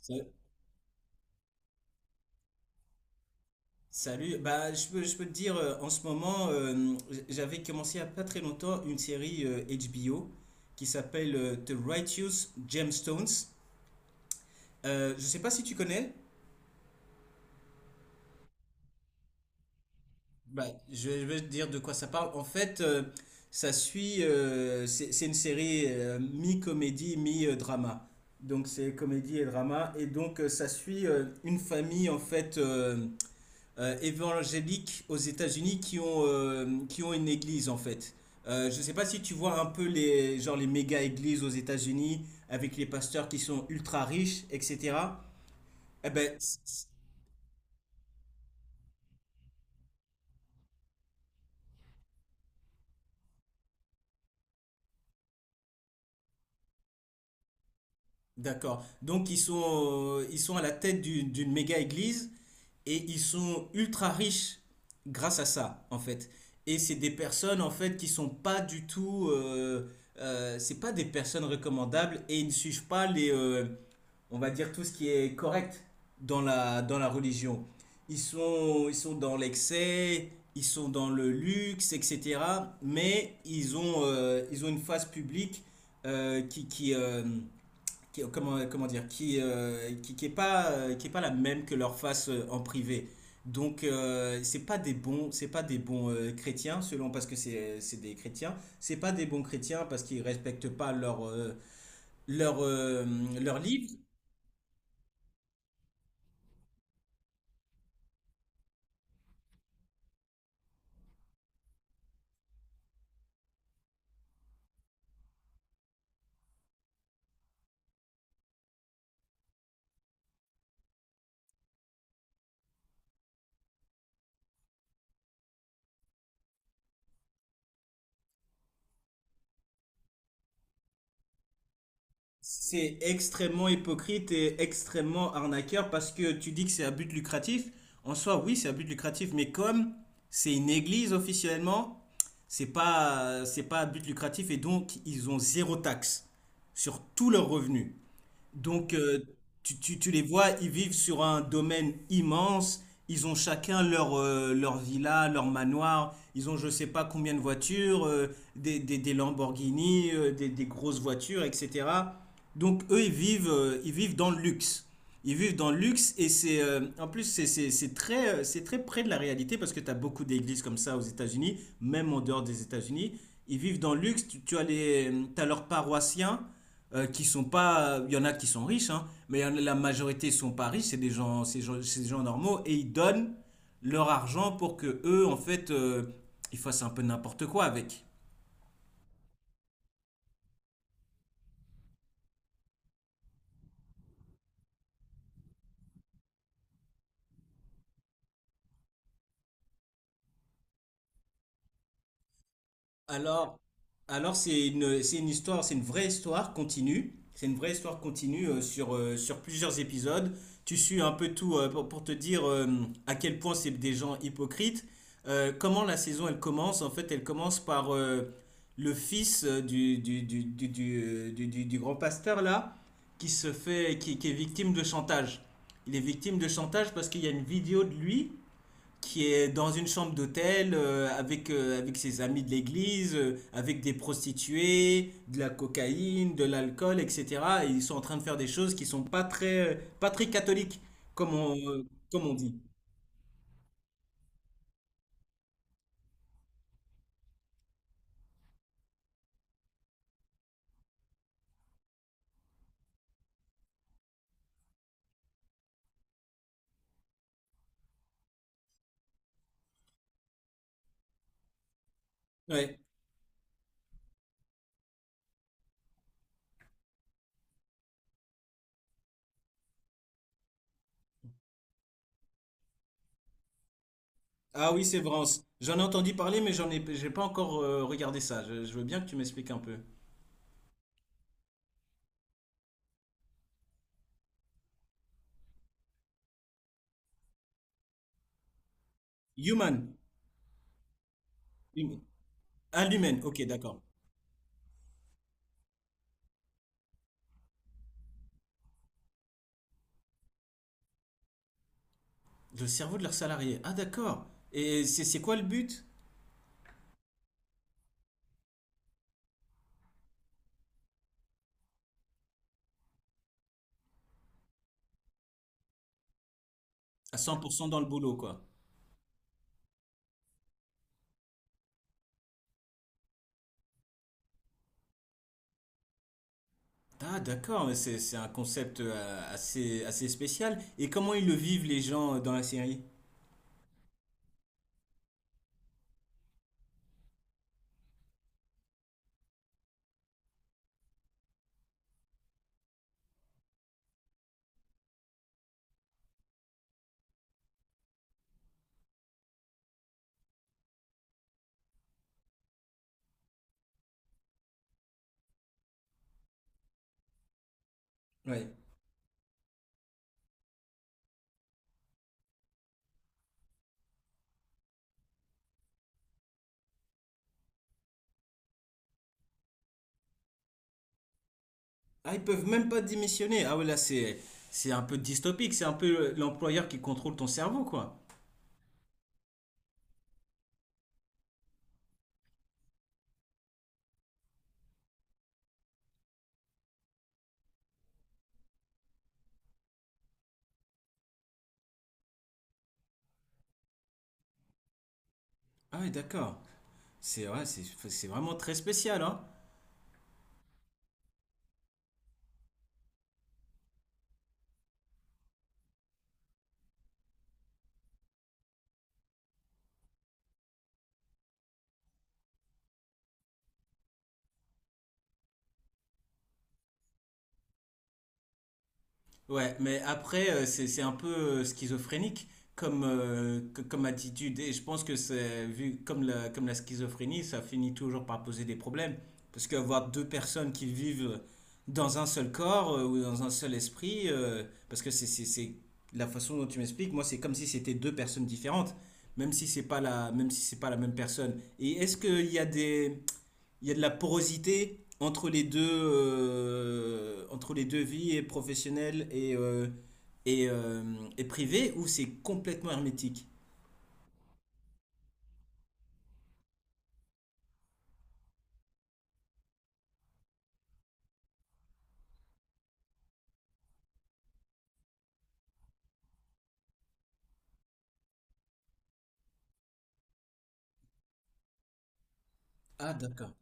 Sa- Salut, je peux te dire, en ce moment, j'avais commencé il n'y a pas très longtemps une série HBO qui s'appelle The Righteous Gemstones. Je sais pas si tu connais. bah, je vais te dire de quoi ça parle. En fait, c'est une série mi-comédie, mi-drama. Donc c'est comédie et drama, et donc ça suit une famille en fait, évangéliques aux États-Unis qui ont une église en fait. Je ne sais pas si tu vois un peu les, genre les méga églises aux États-Unis avec les pasteurs qui sont ultra riches, etc. Eh ben, c- c- d'accord. Donc ils sont à la tête d'une méga église et ils sont ultra riches grâce à ça en fait. Et c'est des personnes en fait qui sont pas du tout, c'est pas des personnes recommandables et ils ne suivent pas les, on va dire, tout ce qui est correct dans la religion. Ils sont dans l'excès, ils sont dans le luxe, etc. Mais ils ont une phase publique euh, qui, qui, euh, comment, comment dire, qui est pas la même que leur face en privé. Donc, c'est pas des bons, c'est pas des bons chrétiens, selon parce que c'est des chrétiens. C'est pas des bons chrétiens parce qu'ils respectent pas leur, leur, euh, leur livre. C'est extrêmement hypocrite et extrêmement arnaqueur parce que tu dis que c'est à but lucratif. En soi, oui, c'est à but lucratif, mais comme c'est une église officiellement, c'est pas à but lucratif et donc ils ont zéro taxe sur tous leurs revenus. Donc, tu les vois, ils vivent sur un domaine immense. Ils ont chacun leur, leur villa, leur manoir. Ils ont je sais pas combien de voitures, des Lamborghini, des grosses voitures, etc. Donc, eux, ils vivent dans le luxe. Ils vivent dans le luxe et c'est en plus c'est très près de la réalité parce que tu as beaucoup d'églises comme ça aux États-Unis, même en dehors des États-Unis. Ils vivent dans le luxe, tu as les, t'as leurs paroissiens qui sont pas. Il y en a qui sont riches, hein, mais la majorité sont pas riches, c'est des gens normaux et ils donnent leur argent pour que eux, en fait, ils fassent un peu n'importe quoi avec. Alors, alors, c'est une histoire, c'est une vraie histoire continue. C'est une vraie histoire continue sur plusieurs épisodes. Tu suis un peu tout pour te dire à quel point c'est des gens hypocrites. Comment la saison elle commence? En fait, elle commence par le fils du grand pasteur là, qui se fait, qui est victime de chantage. Il est victime de chantage parce qu'il y a une vidéo de lui qui est dans une chambre d'hôtel avec, avec ses amis de l'église, avec des prostituées, de la cocaïne, de l'alcool, etc. Et ils sont en train de faire des choses qui sont pas très, pas très catholiques, comme comme on dit. Ouais. Ah oui, c'est Vrance. J'en ai entendu parler, mais j'ai pas encore regardé ça. Je veux bien que tu m'expliques un peu. Human. Human. Ah, l'humaine. Ok, d'accord. Le cerveau de leurs salariés. Ah, d'accord. Et c'est quoi le but? À 100% dans le boulot, quoi. Ah d'accord, mais c'est un concept assez, assez spécial. Et comment ils le vivent les gens dans la série? Ouais. Ah, ils peuvent même pas démissionner. Ah ouais, là c'est un peu dystopique, c'est un peu l'employeur qui contrôle ton cerveau quoi. Ah ouais, d'accord. C'est, ouais, c'est vraiment très spécial hein. Ouais, mais après, c'est un peu schizophrénique comme, comme attitude. Et je pense que c'est vu comme comme la schizophrénie, ça finit toujours par poser des problèmes. Parce qu'avoir deux personnes qui vivent dans un seul corps ou dans un seul esprit, parce que c'est la façon dont tu m'expliques, moi, c'est comme si c'était deux personnes différentes, même si c'est pas même si c'est pas la même personne. Et est-ce qu'il y a des, il y a de la porosité entre les deux vies, et professionnelle et, euh, et privée, ou c'est complètement hermétique? Ah, d'accord.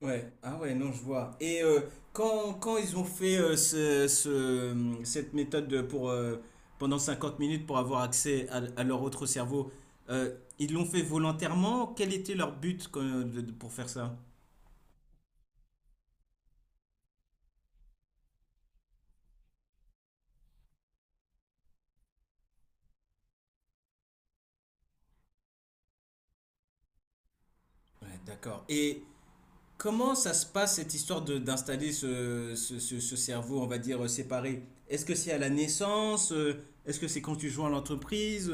Ouais, ah ouais, non, je vois. Et quand ils ont fait cette méthode pour, pendant 50 minutes pour avoir accès à leur autre cerveau, ils l'ont fait volontairement? Quel était leur but pour faire ça? Ouais, d'accord. Et comment ça se passe cette histoire de d'installer ce cerveau, on va dire, séparé? Est-ce que c'est à la naissance? Est-ce que c'est quand tu joins à l'entreprise?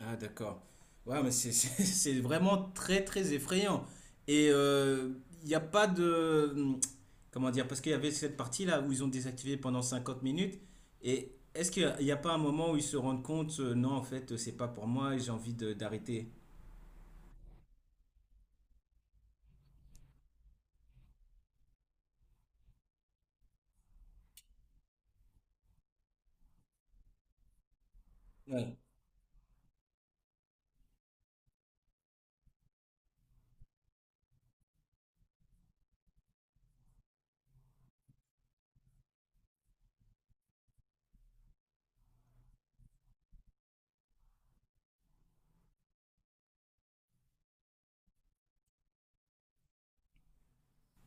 Ah d'accord. Ouais, mais c'est c'est vraiment très très effrayant. Et il n'y a pas de... hmm, comment dire? Parce qu'il y avait cette partie-là où ils ont désactivé pendant 50 minutes. Et est-ce qu'il n'y a, il y a pas un moment où ils se rendent compte, non, en fait, c'est pas pour moi et j'ai envie d'arrêter? Ouais.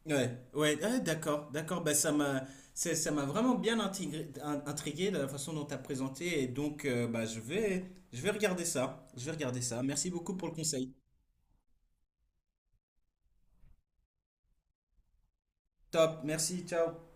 Ouais, ouais, ouais, d'accord, d'accord. Bah, ça m'a vraiment bien intrigué de la façon dont tu as présenté. Et donc, bah, je vais regarder ça. Je vais regarder ça. Merci beaucoup pour le conseil. Top, merci, ciao.